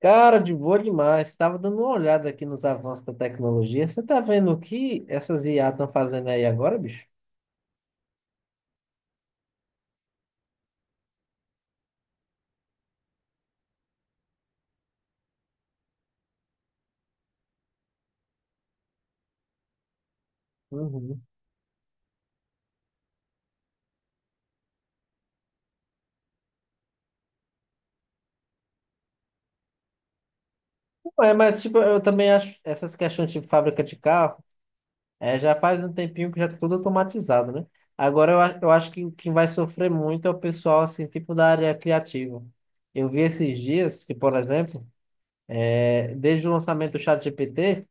Cara, de boa demais. Estava dando uma olhada aqui nos avanços da tecnologia. Você tá vendo o que essas IA estão fazendo aí agora, bicho? Uhum. Ué, mas, tipo, eu também acho essas questões tipo fábrica de carro, já faz um tempinho que já tá tudo automatizado, né? Agora eu acho que quem vai sofrer muito é o pessoal, assim, tipo da área criativa. Eu vi esses dias que, por exemplo, desde o lançamento do ChatGPT,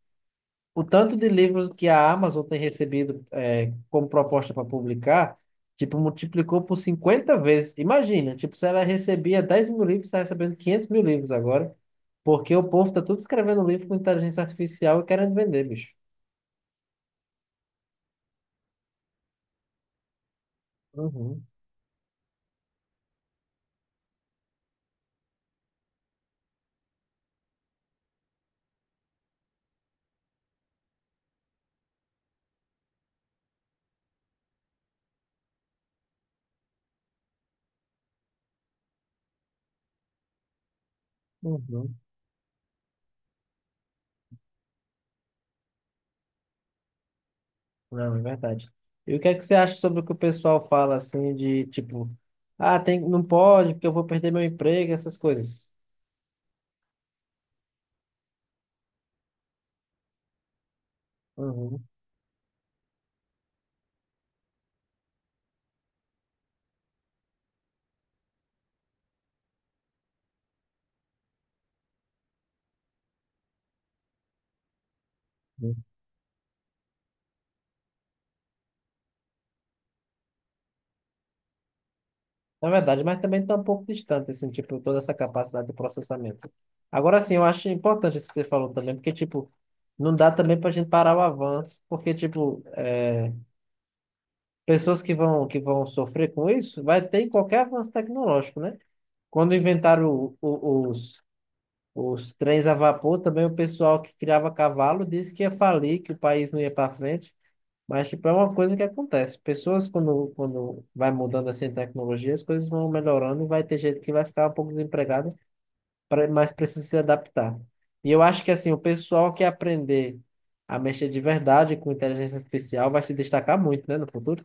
o tanto de livros que a Amazon tem recebido como proposta para publicar, tipo, multiplicou por 50 vezes. Imagina, tipo, se ela recebia 10 mil livros, está recebendo 500 mil livros agora, porque o povo tá tudo escrevendo livro com inteligência artificial e querendo vender, bicho. Uhum, uhum. Não, é verdade. E o que é que você acha sobre o que o pessoal fala, assim, de, tipo, ah, tem, não pode, porque eu vou perder meu emprego, essas coisas? Uhum. Na verdade, mas também está um pouco distante, assim, tipo, toda essa capacidade de processamento. Agora, sim, eu acho importante isso que você falou também, porque, tipo, não dá também para a gente parar o avanço, porque, tipo, pessoas que vão sofrer com isso, vai ter em qualquer avanço tecnológico, né? Quando inventaram os trens a vapor, também o pessoal que criava cavalo disse que ia falir, que o país não ia para frente. Mas, tipo, é uma coisa que acontece. Pessoas, quando vai mudando assim a tecnologia, as coisas vão melhorando e vai ter gente que vai ficar um pouco desempregado, mas precisa se adaptar. E eu acho que, assim, o pessoal que aprender a mexer de verdade com inteligência artificial vai se destacar muito, né, no futuro.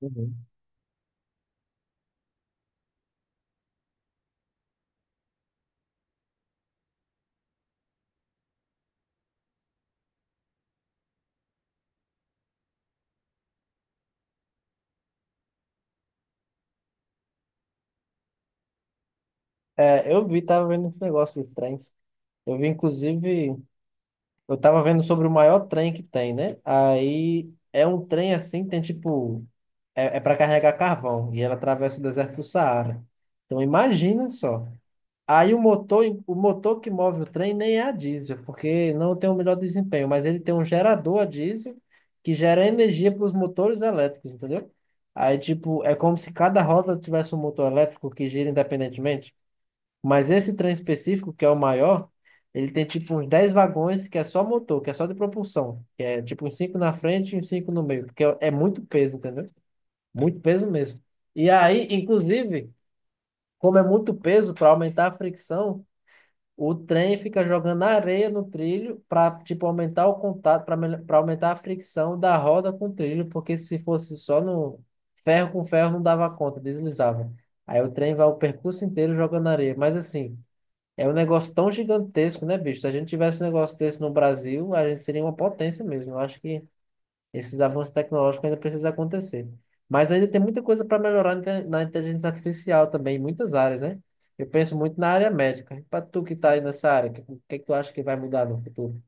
Uhum. É, eu vi, tava vendo uns negócios estranhos. Eu vi, inclusive. Eu tava vendo sobre o maior trem que tem, né? Aí é um trem assim, tem tipo. É, para carregar carvão. E ela atravessa o deserto do Saara. Então imagina só. Aí o motor que move o trem nem é a diesel, porque não tem o melhor desempenho, mas ele tem um gerador a diesel que gera energia para os motores elétricos, entendeu? Aí, tipo, é como se cada roda tivesse um motor elétrico que gira independentemente. Mas esse trem específico, que é o maior, ele tem tipo uns 10 vagões que é só motor, que é só de propulsão. Que é tipo uns 5 na frente e uns 5 no meio. Porque é muito peso, entendeu? Muito peso mesmo. E aí, inclusive, como é muito peso, para aumentar a fricção, o trem fica jogando areia no trilho para tipo aumentar o contato, para aumentar a fricção da roda com o trilho, porque se fosse só no ferro com ferro não dava conta, deslizava. Aí o trem vai o percurso inteiro jogando areia. Mas assim. É um negócio tão gigantesco, né, bicho? Se a gente tivesse um negócio desse no Brasil, a gente seria uma potência mesmo. Eu acho que esses avanços tecnológicos ainda precisam acontecer. Mas ainda tem muita coisa para melhorar na inteligência artificial também, em muitas áreas, né? Eu penso muito na área médica. Para tu que está aí nessa área, o que que tu acha que vai mudar no futuro?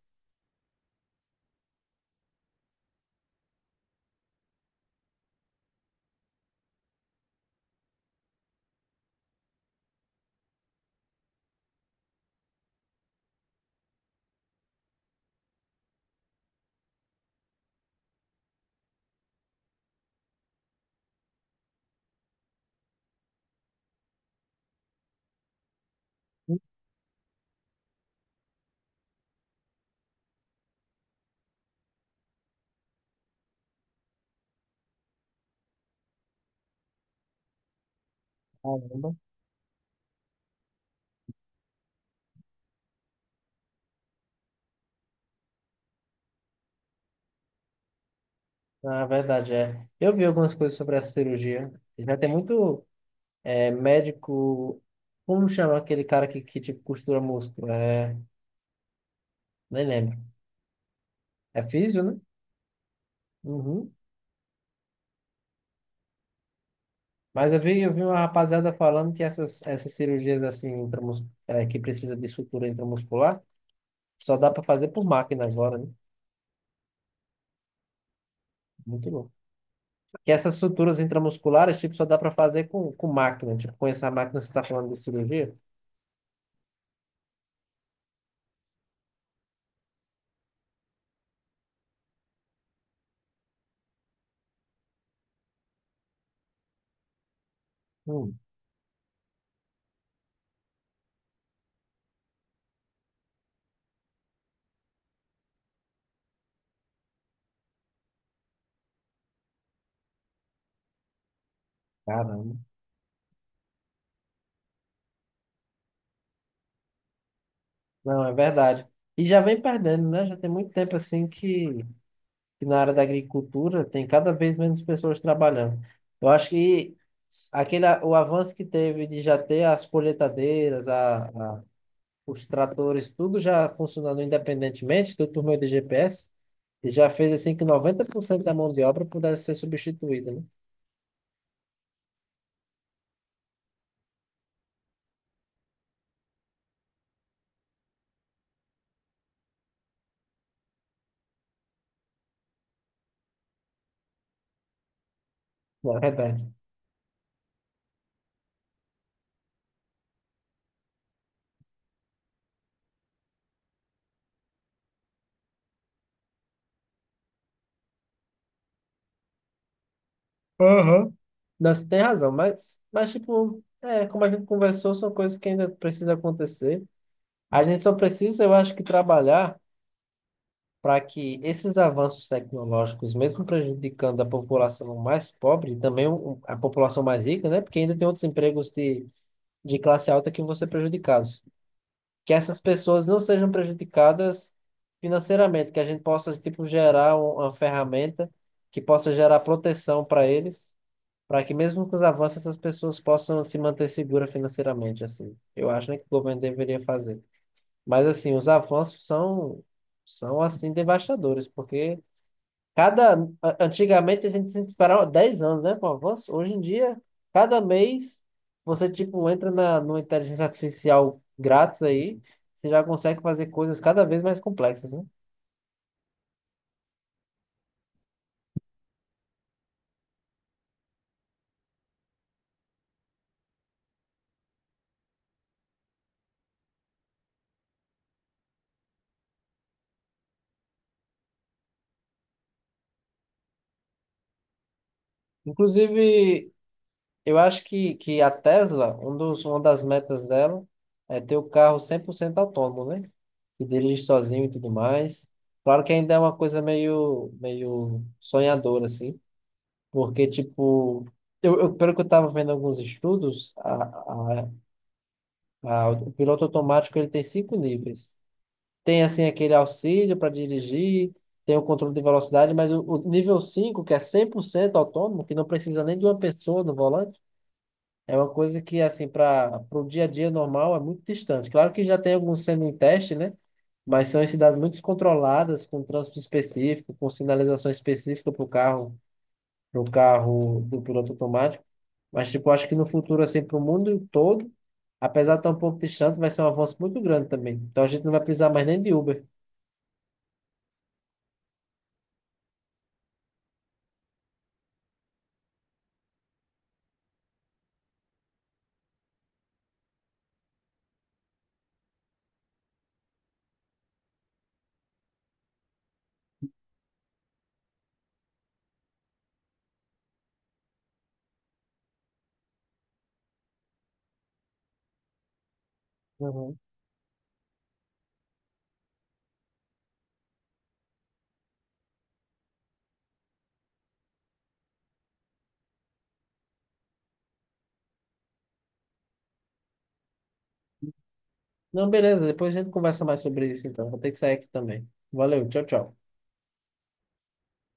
Caramba. Na verdade, é. Eu vi algumas coisas sobre essa cirurgia. Já tem muito médico. Como chama aquele cara que tipo, costura músculo? Nem lembro. É físio, né? Uhum. Mas eu vi uma rapaziada falando essas cirurgias assim, que precisa de sutura intramuscular, só dá para fazer por máquina agora, né? Muito louco. Que essas suturas intramusculares, tipo, só dá para fazer com máquina. Tipo, com essa máquina você tá falando de cirurgia? Hum, caramba. Não, é verdade. E já vem perdendo, né? Já tem muito tempo assim que na área da agricultura tem cada vez menos pessoas trabalhando. Eu acho que o avanço que teve de já ter as colheitadeiras, os tratores, tudo já funcionando independentemente, tudo por meio de GPS, e já fez assim que 90% da mão de obra pudesse ser substituída, né? Na verdade. Aham. Não, você tem razão, mas tipo, é, como a gente conversou, são coisas que ainda precisam acontecer. A gente só precisa, eu acho que, trabalhar para que esses avanços tecnológicos, mesmo prejudicando a população mais pobre, e também a população mais rica, né? Porque ainda tem outros empregos de classe alta que vão ser prejudicados. Que essas pessoas não sejam prejudicadas financeiramente, que a gente possa, tipo, gerar uma ferramenta que possa gerar proteção para eles, para que mesmo com os avanços essas pessoas possam se manter seguras financeiramente, assim. Eu acho, né, que o governo deveria fazer. Mas, assim, os avanços são, são assim, devastadores, porque Cada, antigamente a gente se esperava 10 anos, né, pro avanço. Hoje em dia, cada mês você tipo entra na numa inteligência artificial grátis aí, você já consegue fazer coisas cada vez mais complexas, né? Inclusive, eu acho que a Tesla, uma das metas dela é ter o carro 100% autônomo, né? Que dirige sozinho e tudo mais. Claro que ainda é uma coisa meio sonhadora, assim, porque, tipo, pelo que eu estava vendo alguns estudos, a, o piloto automático ele tem 5 níveis. Tem, assim, aquele auxílio para dirigir, tem o controle de velocidade, mas o nível 5 que é 100% autônomo, que não precisa nem de uma pessoa no volante, é uma coisa que, assim, para o dia a dia normal é muito distante. Claro que já tem alguns sendo em teste, né? Mas são em cidades muito controladas, com trânsito específico, com sinalização específica para o carro do piloto automático. Mas, tipo, acho que no futuro, assim, para o mundo todo, apesar de estar um pouco distante, vai ser um avanço muito grande também. Então a gente não vai precisar mais nem de Uber. Uhum. Não, beleza, depois a gente conversa mais sobre isso, então. Vou ter que sair aqui também. Valeu, tchau, tchau.